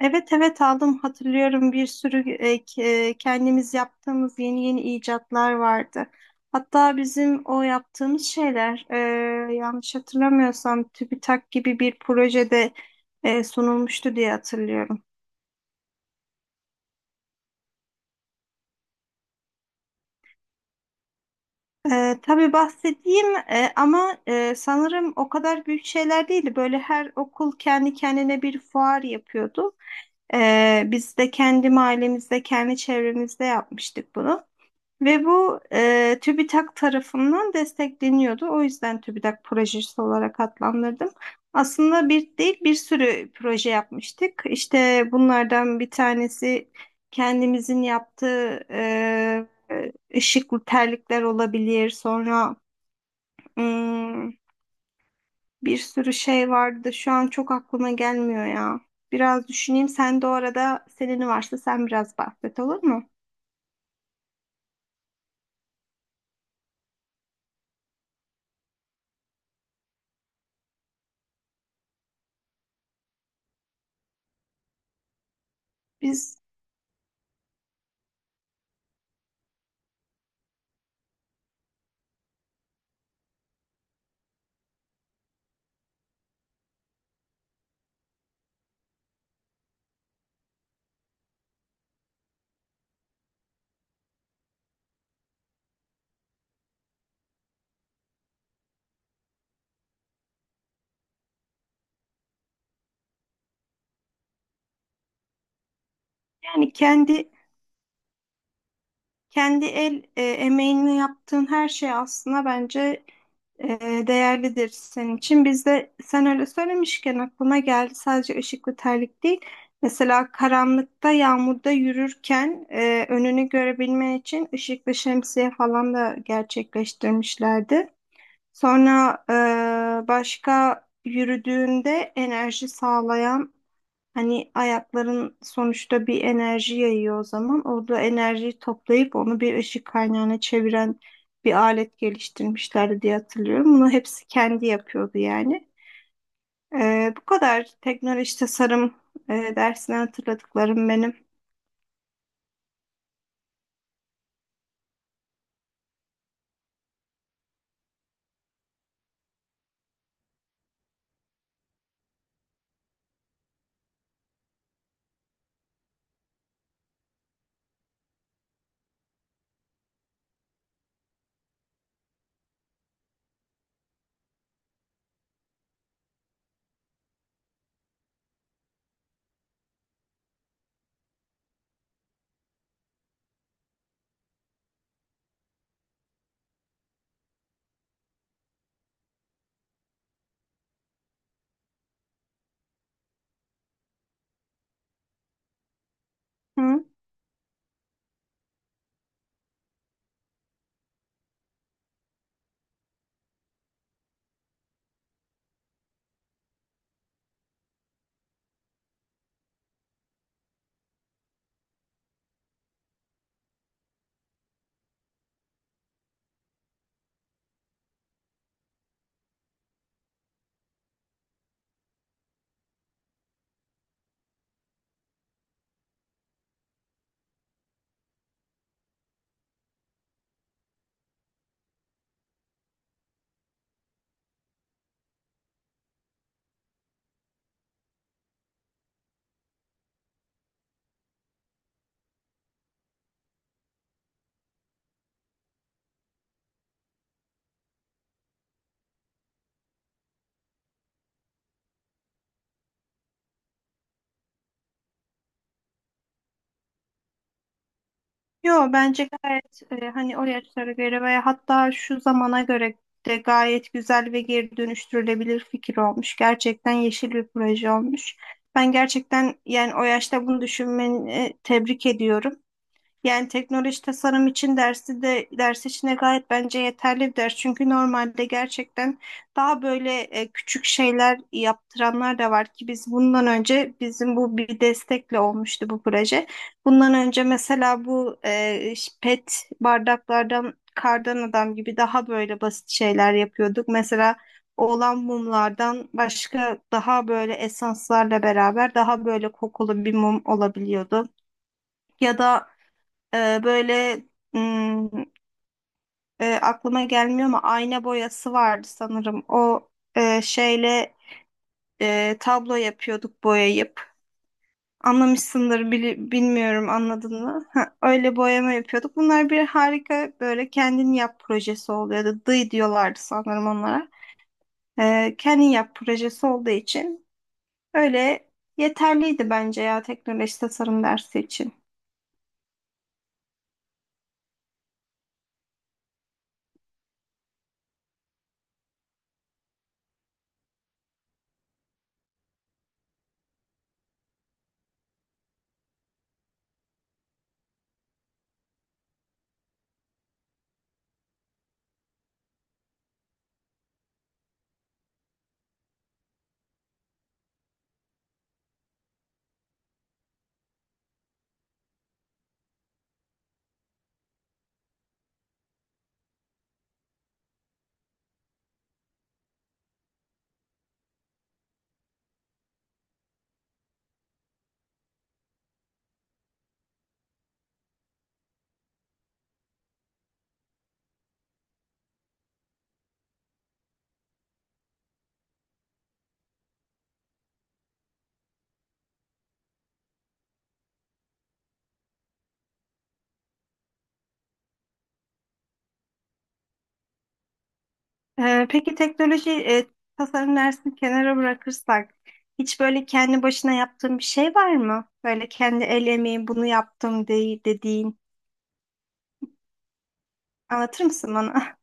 Evet, evet, aldım, hatırlıyorum. Bir sürü kendimiz yaptığımız yeni yeni icatlar vardı. Hatta bizim o yaptığımız şeyler, yanlış hatırlamıyorsam, TÜBİTAK gibi bir projede sunulmuştu diye hatırlıyorum. Tabii, bahsedeyim, ama sanırım o kadar büyük şeyler değildi. Böyle her okul kendi kendine bir fuar yapıyordu. Biz de kendi mahallemizde, kendi çevremizde yapmıştık bunu. Ve bu TÜBİTAK tarafından destekleniyordu. O yüzden TÜBİTAK projesi olarak adlandırdım. Aslında bir değil, bir sürü proje yapmıştık. İşte bunlardan bir tanesi kendimizin yaptığı ışıklı terlikler olabilir. Sonra hmm, bir sürü şey vardı. Şu an çok aklıma gelmiyor ya. Biraz düşüneyim. Sen de o arada, senin varsa sen biraz bahset, olur mu? Biz yani kendi Kendi el emeğini yaptığın her şey aslında bence e, değerlidir senin için. Bizde, sen öyle söylemişken aklıma geldi, sadece ışıklı ve terlik değil. Mesela karanlıkta, yağmurda yürürken önünü görebilmen için ışıklı şemsiye falan da gerçekleştirmişlerdi. Sonra başka, yürüdüğünde enerji sağlayan... Hani ayakların sonuçta bir enerji yayıyor o zaman. Orada enerjiyi toplayıp onu bir ışık kaynağına çeviren bir alet geliştirmişlerdi diye hatırlıyorum. Bunu hepsi kendi yapıyordu yani. Bu kadar teknoloji tasarım dersinden hatırladıklarım benim. Hı. Yo, bence gayet, hani, o yaşlara göre veya hatta şu zamana göre de gayet güzel ve geri dönüştürülebilir fikir olmuş. Gerçekten yeşil bir proje olmuş. Ben gerçekten, yani o yaşta bunu düşünmeni tebrik ediyorum. Yani teknoloji tasarım için dersi de, ders içine gayet bence yeterli bir ders. Çünkü normalde gerçekten daha böyle küçük şeyler yaptıranlar da var ki biz, bundan önce bizim bu bir destekle olmuştu bu proje. Bundan önce mesela bu pet bardaklardan kardan adam gibi daha böyle basit şeyler yapıyorduk. Mesela oğlan mumlardan başka, daha böyle esanslarla beraber, daha böyle kokulu bir mum olabiliyordu. Ya da böyle hmm, aklıma gelmiyor ama ayna boyası vardı sanırım. O şeyle tablo yapıyorduk boyayıp. Anlamışsındır, bilmiyorum, anladın mı? Ha, öyle boyama yapıyorduk. Bunlar bir harika, böyle kendin yap projesi oluyordu. Dıy diyorlardı sanırım onlara. Kendin yap projesi olduğu için öyle yeterliydi bence ya, teknoloji tasarım dersi için. Peki, teknoloji tasarım dersini kenara bırakırsak, hiç böyle kendi başına yaptığın bir şey var mı? Böyle kendi el emeği, "bunu yaptım" de dediğin. Anlatır mısın bana?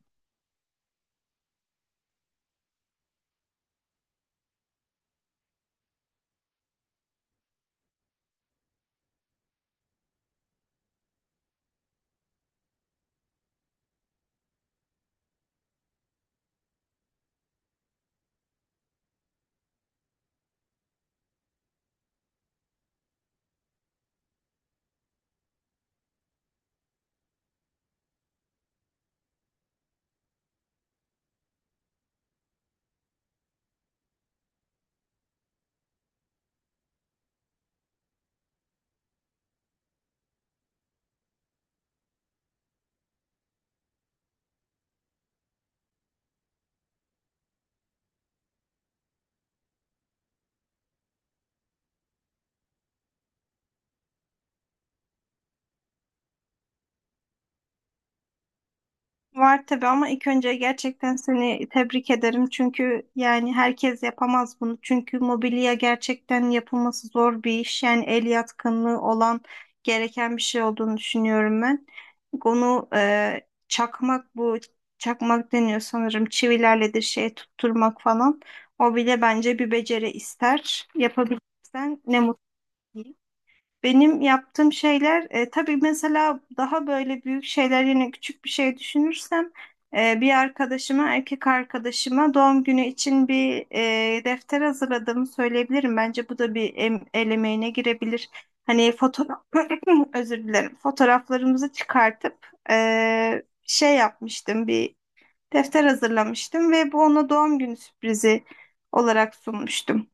Var tabii, ama ilk önce gerçekten seni tebrik ederim. Çünkü yani herkes yapamaz bunu. Çünkü mobilya gerçekten yapılması zor bir iş. Yani el yatkınlığı olan, gereken bir şey olduğunu düşünüyorum ben. Onu çakmak, bu çakmak deniyor sanırım, çivilerle de şey, tutturmak falan. O bile bence bir beceri ister. Yapabilirsen ne mutlu. Benim yaptığım şeyler tabii, mesela daha böyle büyük şeyler... Yine küçük bir şey düşünürsem, bir arkadaşıma, erkek arkadaşıma doğum günü için bir defter hazırladığımı söyleyebilirim. Bence bu da bir el emeğine girebilir. Hani fotoğraf özür dilerim, fotoğraflarımızı çıkartıp şey yapmıştım, bir defter hazırlamıştım ve bu ona doğum günü sürprizi olarak sunmuştum.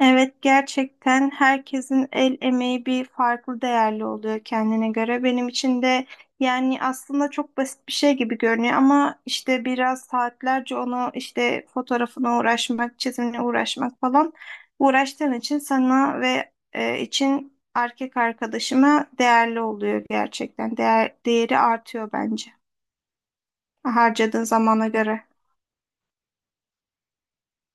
Evet, gerçekten herkesin el emeği bir farklı değerli oluyor kendine göre. Benim için de yani aslında çok basit bir şey gibi görünüyor ama işte biraz saatlerce onu, işte fotoğrafına uğraşmak, çizimine uğraşmak falan uğraştığın için sana ve e, için erkek arkadaşıma değerli oluyor gerçekten. Değeri artıyor bence harcadığın zamana göre.